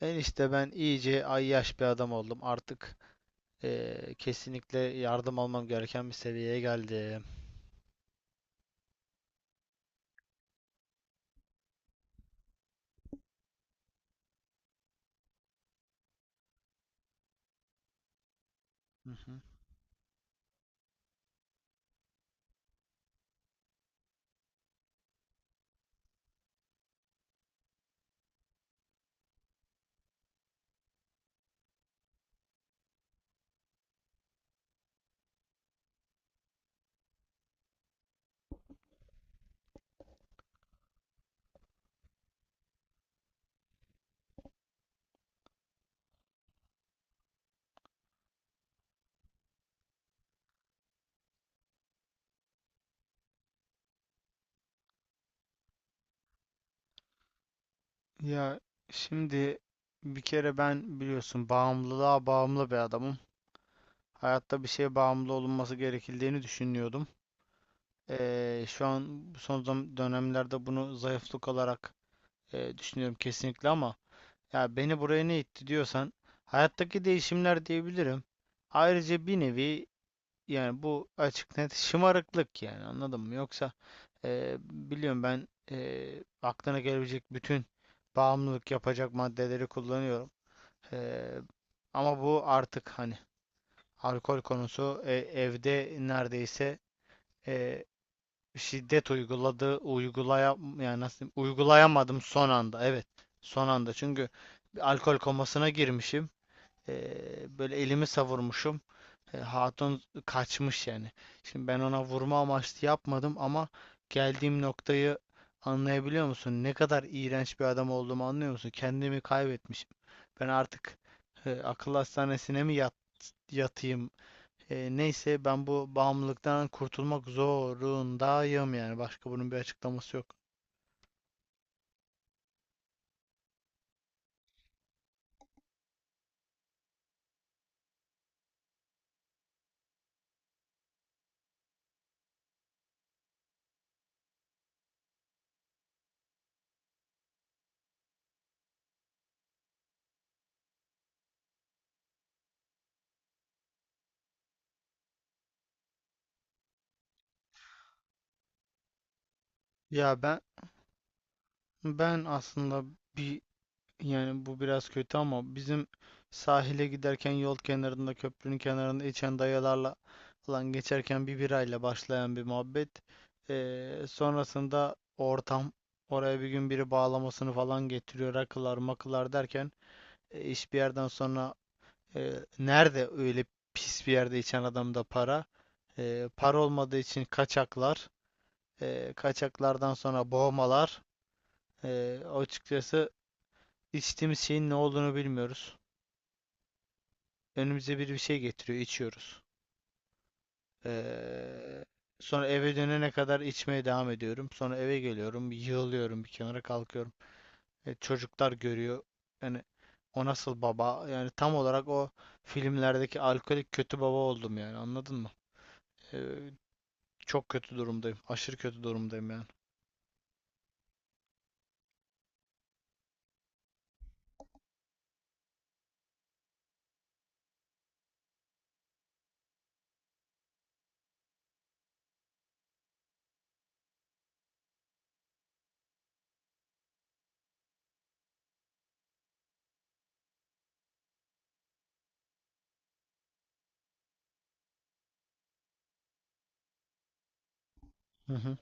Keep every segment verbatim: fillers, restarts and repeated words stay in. Enişte, ben iyice ayyaş bir adam oldum. Artık eee, kesinlikle yardım almam gereken bir seviyeye geldim. Hı hı. Ya şimdi bir kere ben biliyorsun, bağımlılığa bağımlı bir adamım. Hayatta bir şeye bağımlı olunması gerekildiğini düşünüyordum. Ee, şu an son zam- dönemlerde bunu zayıflık olarak e, düşünüyorum kesinlikle, ama ya beni buraya ne itti diyorsan hayattaki değişimler diyebilirim. Ayrıca bir nevi, yani bu açık net şımarıklık, yani anladın mı? Yoksa e, biliyorum ben, e, aklına gelebilecek bütün bağımlılık yapacak maddeleri kullanıyorum. E, Ama bu artık hani alkol konusu, e, evde neredeyse e, şiddet uyguladığı uygulaya, yani nasıl diyeyim, uygulayamadım son anda. Evet, son anda, çünkü bir alkol komasına girmişim. E, Böyle elimi savurmuşum, e, hatun kaçmış yani. Şimdi, ben ona vurma amaçlı yapmadım ama geldiğim noktayı anlayabiliyor musun? Ne kadar iğrenç bir adam olduğumu anlıyor musun? Kendimi kaybetmişim. Ben artık e, akıl hastanesine mi yat- yatayım? E, neyse, ben bu bağımlılıktan kurtulmak zorundayım yani. Başka bunun bir açıklaması yok. Ya ben ben aslında bir, yani bu biraz kötü ama bizim sahile giderken yol kenarında, köprünün kenarında içen dayılarla falan geçerken bir birayla başlayan bir muhabbet. Ee, sonrasında ortam, oraya bir gün biri bağlamasını falan getiriyor, rakılar makılar derken e, iş bir yerden sonra, e, nerede öyle pis bir yerde içen adamda para? E, para olmadığı için kaçaklar. E, kaçaklardan sonra boğmalar. E, açıkçası içtiğimiz şeyin ne olduğunu bilmiyoruz. Önümüze bir bir şey getiriyor, içiyoruz. Ee, Sonra eve dönene kadar içmeye devam ediyorum. Sonra eve geliyorum, yığılıyorum bir kenara, kalkıyorum. E, çocuklar görüyor. Yani o nasıl baba? Yani tam olarak o filmlerdeki alkolik kötü baba oldum, yani anladın mı? Ee, Çok kötü durumdayım. Aşırı kötü durumdayım yani. Hı hı.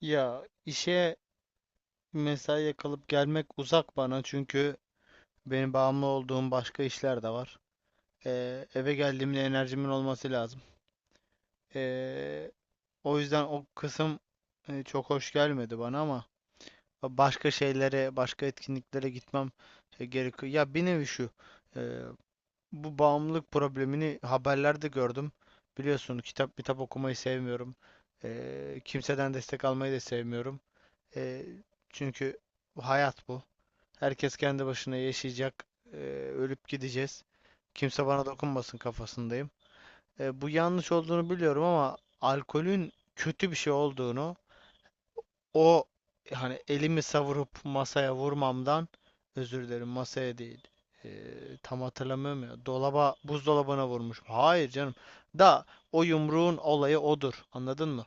Ya işe, mesaiye kalıp gelmek uzak bana, çünkü benim bağımlı olduğum başka işler de var. Ee, eve geldiğimde enerjimin olması lazım. Ee, O yüzden o kısım e, çok hoş gelmedi bana, ama başka şeylere, başka etkinliklere gitmem e, gerekiyor. Ya bir nevi şu, e, bu bağımlılık problemini haberlerde gördüm. Biliyorsun, kitap kitap okumayı sevmiyorum. Ee, kimseden destek almayı da sevmiyorum. Ee, Çünkü hayat bu. Herkes kendi başına yaşayacak. Ee, Ölüp gideceğiz. Kimse bana dokunmasın kafasındayım. E, bu yanlış olduğunu biliyorum, ama alkolün kötü bir şey olduğunu o, hani elimi savurup masaya vurmamdan, özür dilerim, masaya değil, e, tam hatırlamıyorum, ya dolaba, buzdolabına vurmuş. Hayır canım, da o yumruğun olayı odur, anladın mı?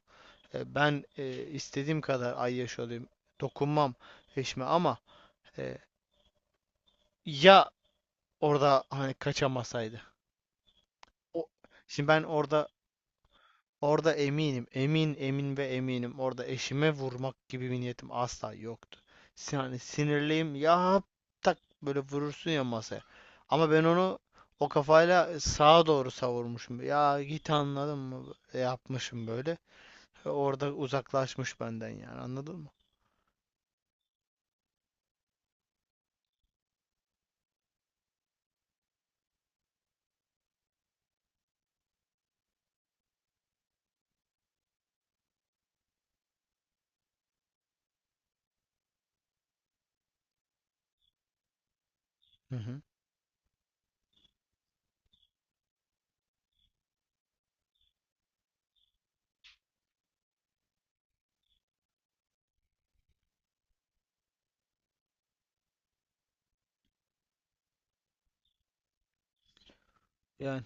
E, ben, e, istediğim kadar ay yaş olayım, dokunmam eşime ama, e, ya orada hani kaçamasaydı. O, şimdi ben orada, orada eminim, emin emin ve eminim. Orada eşime vurmak gibi bir niyetim asla yoktu. Si- Yani sinirliyim ya, tak böyle vurursun ya masaya. Ama ben onu o kafayla sağa doğru savurmuşum. Ya git, anladın mı? E, yapmışım böyle. E, orada uzaklaşmış benden, yani anladın mı? Hı hı. Yani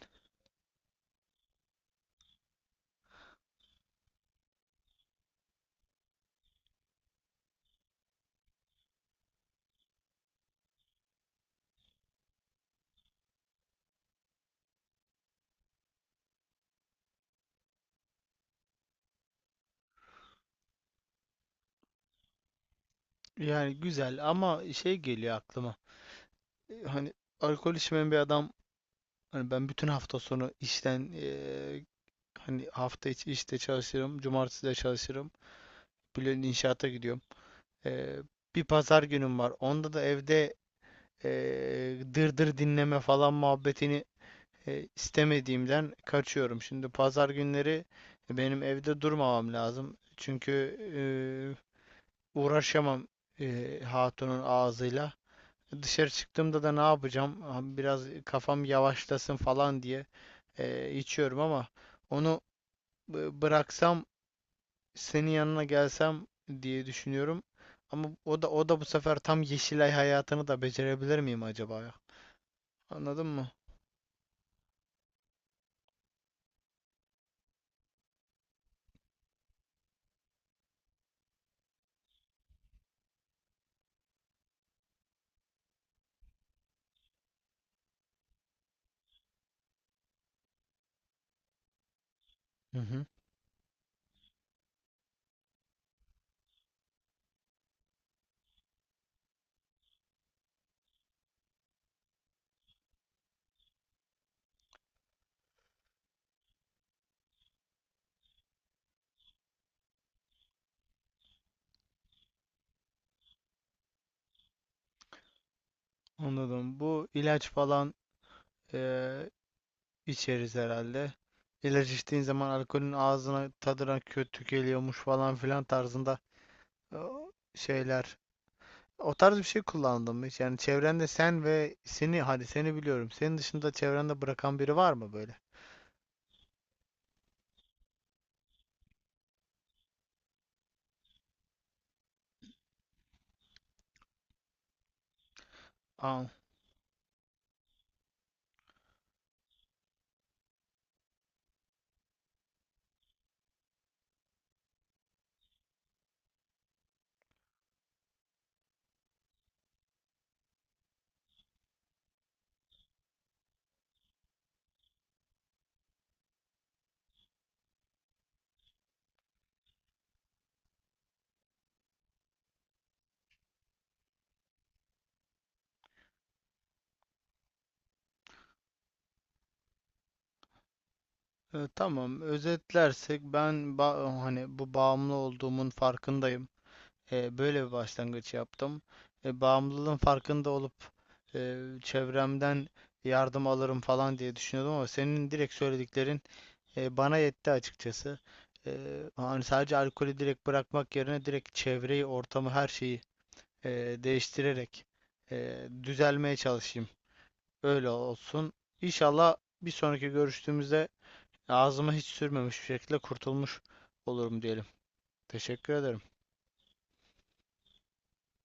yani güzel, ama şey geliyor aklıma. E, hani alkol içmeyen bir adam, hani ben bütün hafta sonu işten, e, hani hafta içi işte çalışırım. Cumartesi de çalışırım. Bülent inşaata gidiyorum. Ee, Bir pazar günüm var. Onda da evde ee, dırdır dinleme falan muhabbetini e, istemediğimden kaçıyorum. Şimdi pazar günleri benim evde durmamam lazım. Çünkü ee, uğraşamam ee, hatunun ağzıyla. Dışarı çıktığımda da ne yapacağım? Biraz kafam yavaşlasın falan diye ee, içiyorum ama, onu bıraksam, senin yanına gelsem diye düşünüyorum. Ama o da o da bu sefer tam Yeşilay hayatını da becerebilir miyim acaba ya? Anladın mı? Hı hı. Anladım. Bu ilaç falan eee, içeriz herhalde. İlaç içtiğin zaman alkolün ağzına, tadına kötü geliyormuş falan filan tarzında eee, şeyler. O tarz bir şey kullandım hiç. Yani çevrende sen ve seni, hadi seni biliyorum. Senin dışında çevrende bırakan biri var mı böyle? Aa, e, tamam, özetlersek ben, ba- hani bu bağımlı olduğumun farkındayım. E, böyle bir başlangıç yaptım. E, bağımlılığın farkında olup e, çevremden yardım alırım falan diye düşünüyordum, ama senin direkt söylediklerin e, bana yetti açıkçası. E, hani sadece alkolü direkt bırakmak yerine direkt çevreyi, ortamı, her şeyi e, değiştirerek e, düzelmeye çalışayım. Öyle olsun. İnşallah bir sonraki görüştüğümüzde ağzıma hiç sürmemiş bir şekilde kurtulmuş olurum diyelim. Teşekkür ederim.